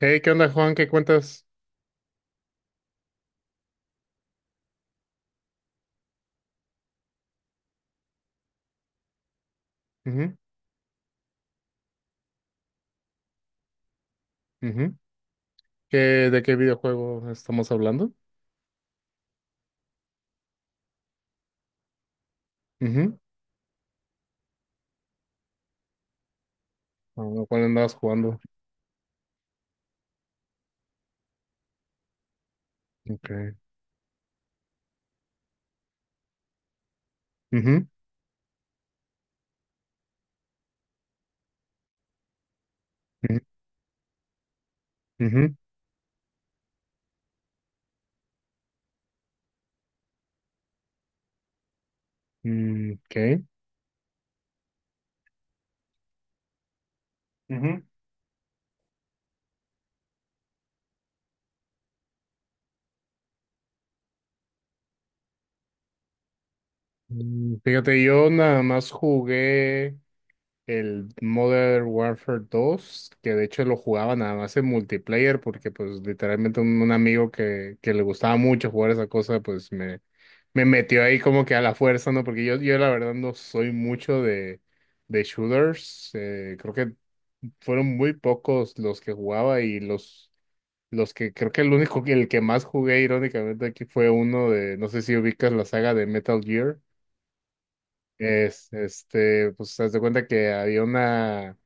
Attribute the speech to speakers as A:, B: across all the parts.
A: Hey, ¿qué onda, Juan? ¿Qué cuentas? Ujú, ujú. ¿Qué- ¿De qué videojuego estamos hablando? Ujú. Ah, ¿cuál andabas jugando? Okay. Ujú, ujú, ujú. Mm, ok. Ujú. Mm, fíjate, yo nada más jugué el Modern Warfare dos, que de hecho lo jugaba nada más en multiplayer, porque pues literalmente un amigo que le gustaba mucho jugar esa cosa, pues me metió ahí como que a la fuerza, ¿no? Porque yo la verdad no soy mucho de shooters. Eh, creo que fueron muy pocos los que jugaba, y los que creo que el único que el que más jugué irónicamente aquí fue uno de, no sé si ubicas la saga de Metal Gear. Es, este, pues, haz de cuenta que había una,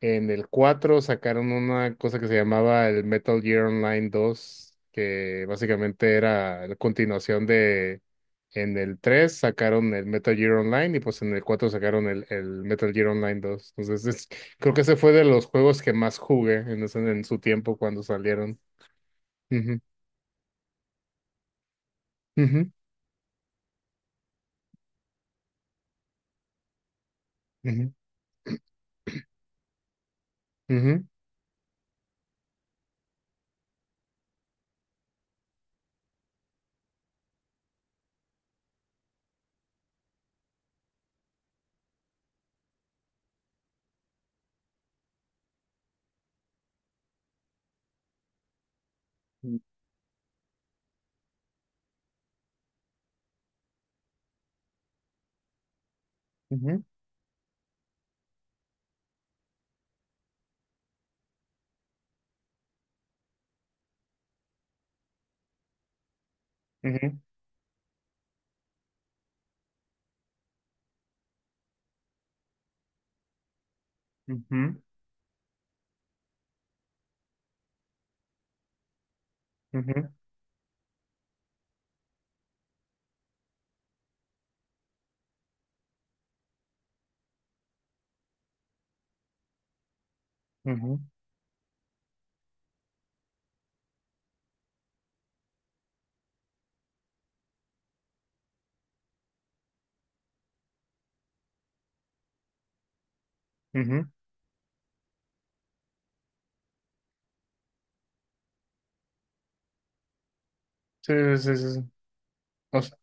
A: en el 4 sacaron una cosa que se llamaba el Metal Gear Online dos, que básicamente era la continuación de... En el 3 sacaron el Metal Gear Online, y pues en el 4 sacaron el Metal Gear Online dos. Entonces, creo que ese fue de los juegos que más jugué en su tiempo cuando salieron. Ujú, ujú, ujú, ujú, ujú, ujú, ujú, ujú, ujú, ujú. Sí, sí, sí, sí. O sea,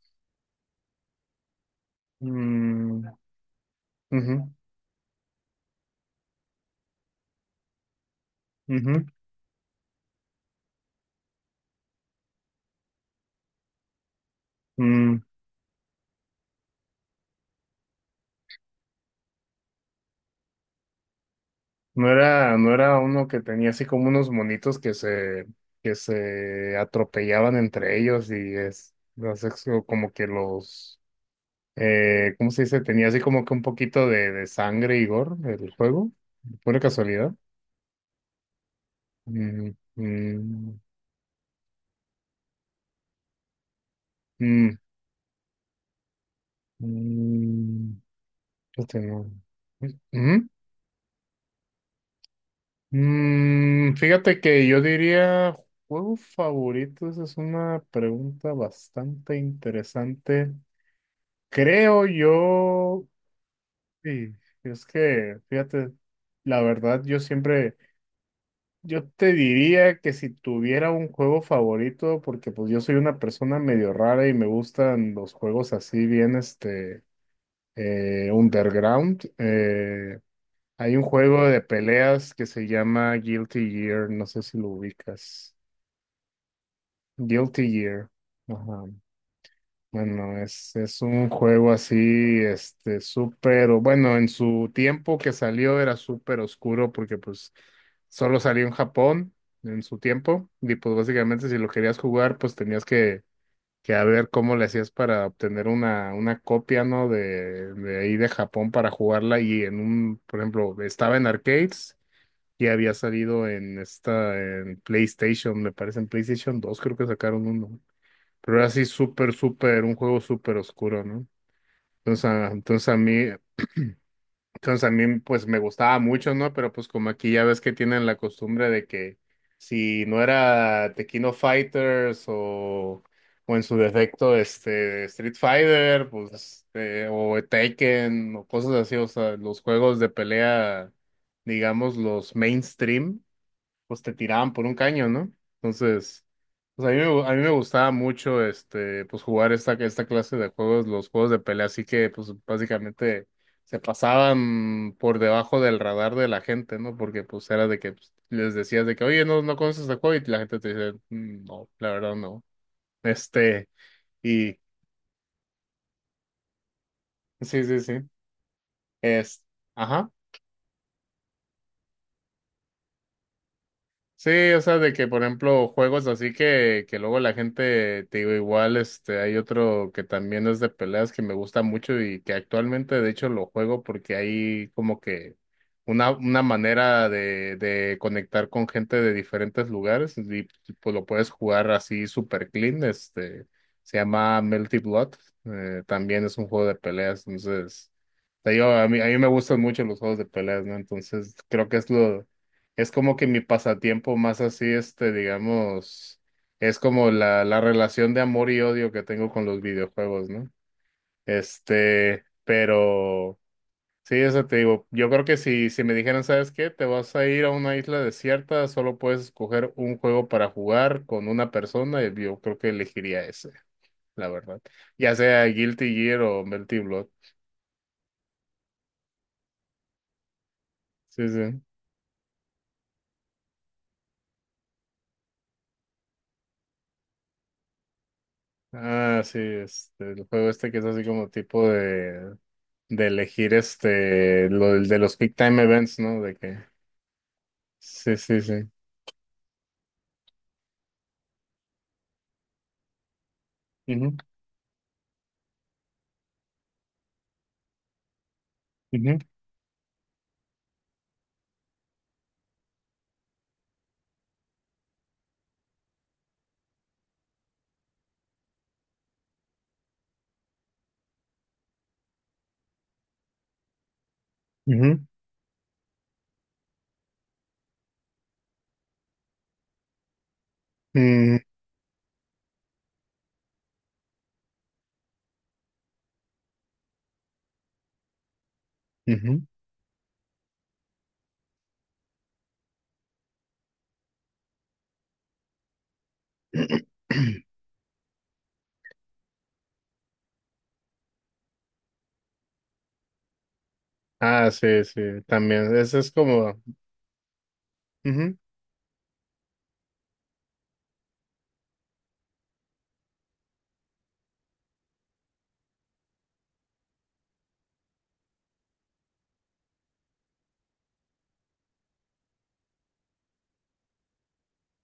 A: mm, ujú, ujú, mm. No era uno que tenía así como unos monitos que se atropellaban entre ellos, y como que los, ¿cómo se dice? Tenía así como que un poquito de sangre y gore el juego, pura casualidad. Mm, mm, mm, mm, este no. Ujú. Mm, fíjate que yo diría, ¿juego favorito? Esa es una pregunta bastante interesante. Creo yo, sí, es que, fíjate, la verdad yo siempre, yo te diría que si tuviera un juego favorito, porque pues yo soy una persona medio rara y me gustan los juegos así bien, este, underground. Eh, hay un juego de peleas que se llama Guilty Gear, no sé si lo ubicas. Guilty Gear, ajá. Bueno, es un juego así, este, bueno, en su tiempo que salió era súper oscuro, porque pues solo salió en Japón en su tiempo, y pues básicamente si lo querías jugar pues tenías que a ver cómo le hacías para obtener una copia, ¿no? De ahí de Japón para jugarla. Y en un, por ejemplo, estaba en arcades, y había salido en esta, en PlayStation, me parece en PlayStation 2 creo que sacaron uno. Pero era así súper, súper, un juego súper oscuro, ¿no? Entonces, entonces a mí, pues me gustaba mucho, ¿no? Pero pues como aquí ya ves que tienen la costumbre de que si no era Tequino Fighters o en su defecto, este, Street Fighter, pues, este, o Tekken, o cosas así, o sea, los juegos de pelea, digamos, los mainstream, pues te tiraban por un caño, ¿no? Entonces, pues a a mí me gustaba mucho, este, pues jugar esta clase de juegos, los juegos de pelea, así que pues básicamente se pasaban por debajo del radar de la gente, ¿no? Porque pues era de que pues, les decías de que, oye, no conoces este juego, y la gente te dice, "Mm, no, la verdad no." Este, y sí, sí, sí. Es, ajá. Sí, o sea, de que, por ejemplo, juegos así que luego la gente, te digo, igual, este, hay otro que también es de peleas que me gusta mucho y que actualmente, de hecho, lo juego, porque hay como que una manera de conectar con gente de diferentes lugares, y pues lo puedes jugar así super clean, este, se llama Melty Blood. Eh, también es un juego de peleas. Entonces, te digo, a mí me gustan mucho los juegos de peleas, ¿no? Entonces, creo que es lo... Es como que mi pasatiempo más así, este, digamos, es como la relación de amor y odio que tengo con los videojuegos, ¿no? Este, pero sí, eso te digo, yo creo que si me dijeran, ¿sabes qué? Te vas a ir a una isla desierta, solo puedes escoger un juego para jugar con una persona, y yo creo que elegiría ese, la verdad. Ya sea Guilty Gear o Melty Blood. Sí, sí. Ah, sí, este, el juego este que es así como tipo de elegir este, de los peak time events, ¿no? De que, sí, sí, sí. Ujú, ujú, ujú, mm, ujú. Ah, sí, sí, también. Ese es como, ujú.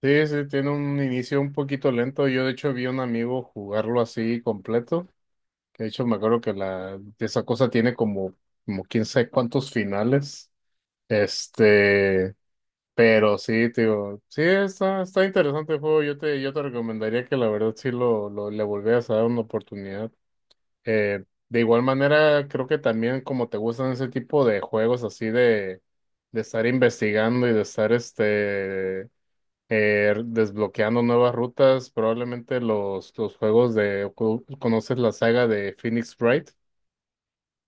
A: Sí, sí, tiene un inicio un poquito lento. Yo, de hecho, vi a un amigo jugarlo así completo. Que De hecho, me acuerdo que la, esa cosa tiene como, como quién sabe cuántos finales. Este. Pero sí, tío, sí está, está interesante el juego. Yo te recomendaría que la verdad sí lo le volvieras a dar una oportunidad. Eh, de igual manera, creo que también como te gustan ese tipo de juegos así de estar investigando y de estar este, desbloqueando nuevas rutas, probablemente los juegos de, conoces la saga de Phoenix Wright,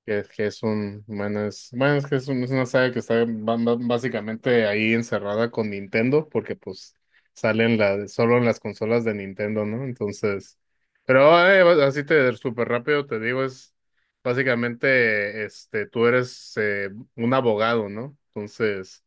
A: que es un, bueno, es que es, es una saga que está básicamente ahí encerrada con Nintendo, porque pues salen la, solo en las consolas de Nintendo, ¿no? Entonces, pero así te súper rápido te digo, es básicamente, este, tú eres, un abogado, ¿no? Entonces,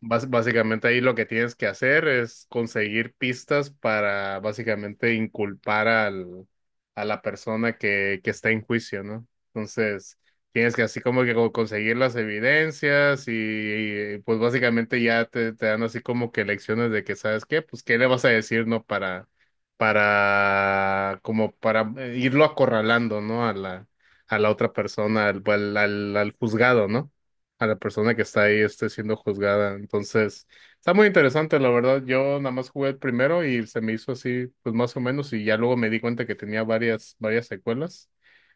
A: básicamente ahí lo que tienes que hacer es conseguir pistas para básicamente inculpar al, a la persona que está en juicio, ¿no? Entonces, tienes que así como que conseguir las evidencias y pues básicamente ya te dan así como que lecciones de que sabes qué, pues qué le vas a decir, ¿no? Para, como para, irlo acorralando, ¿no? A la otra persona, al juzgado, ¿no? A la persona que está ahí esté siendo juzgada. Entonces, está muy interesante, la verdad. Yo nada más jugué el primero y se me hizo así, pues más o menos, y ya luego me di cuenta que tenía varias secuelas.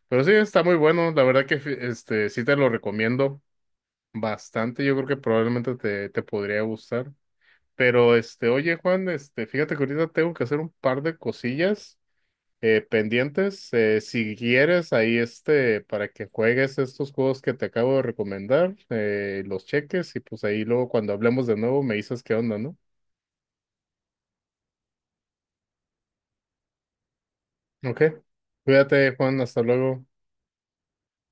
A: Pero sí, está muy bueno. La verdad que este sí te lo recomiendo bastante. Yo creo que probablemente te podría gustar. Pero este, oye, Juan, este, fíjate que ahorita tengo que hacer un par de cosillas, pendientes. Si quieres, ahí este, para que juegues estos juegos que te acabo de recomendar, los cheques, y pues ahí luego cuando hablemos de nuevo me dices qué onda, ¿no? Ok. Cuídate, Juan, hasta luego.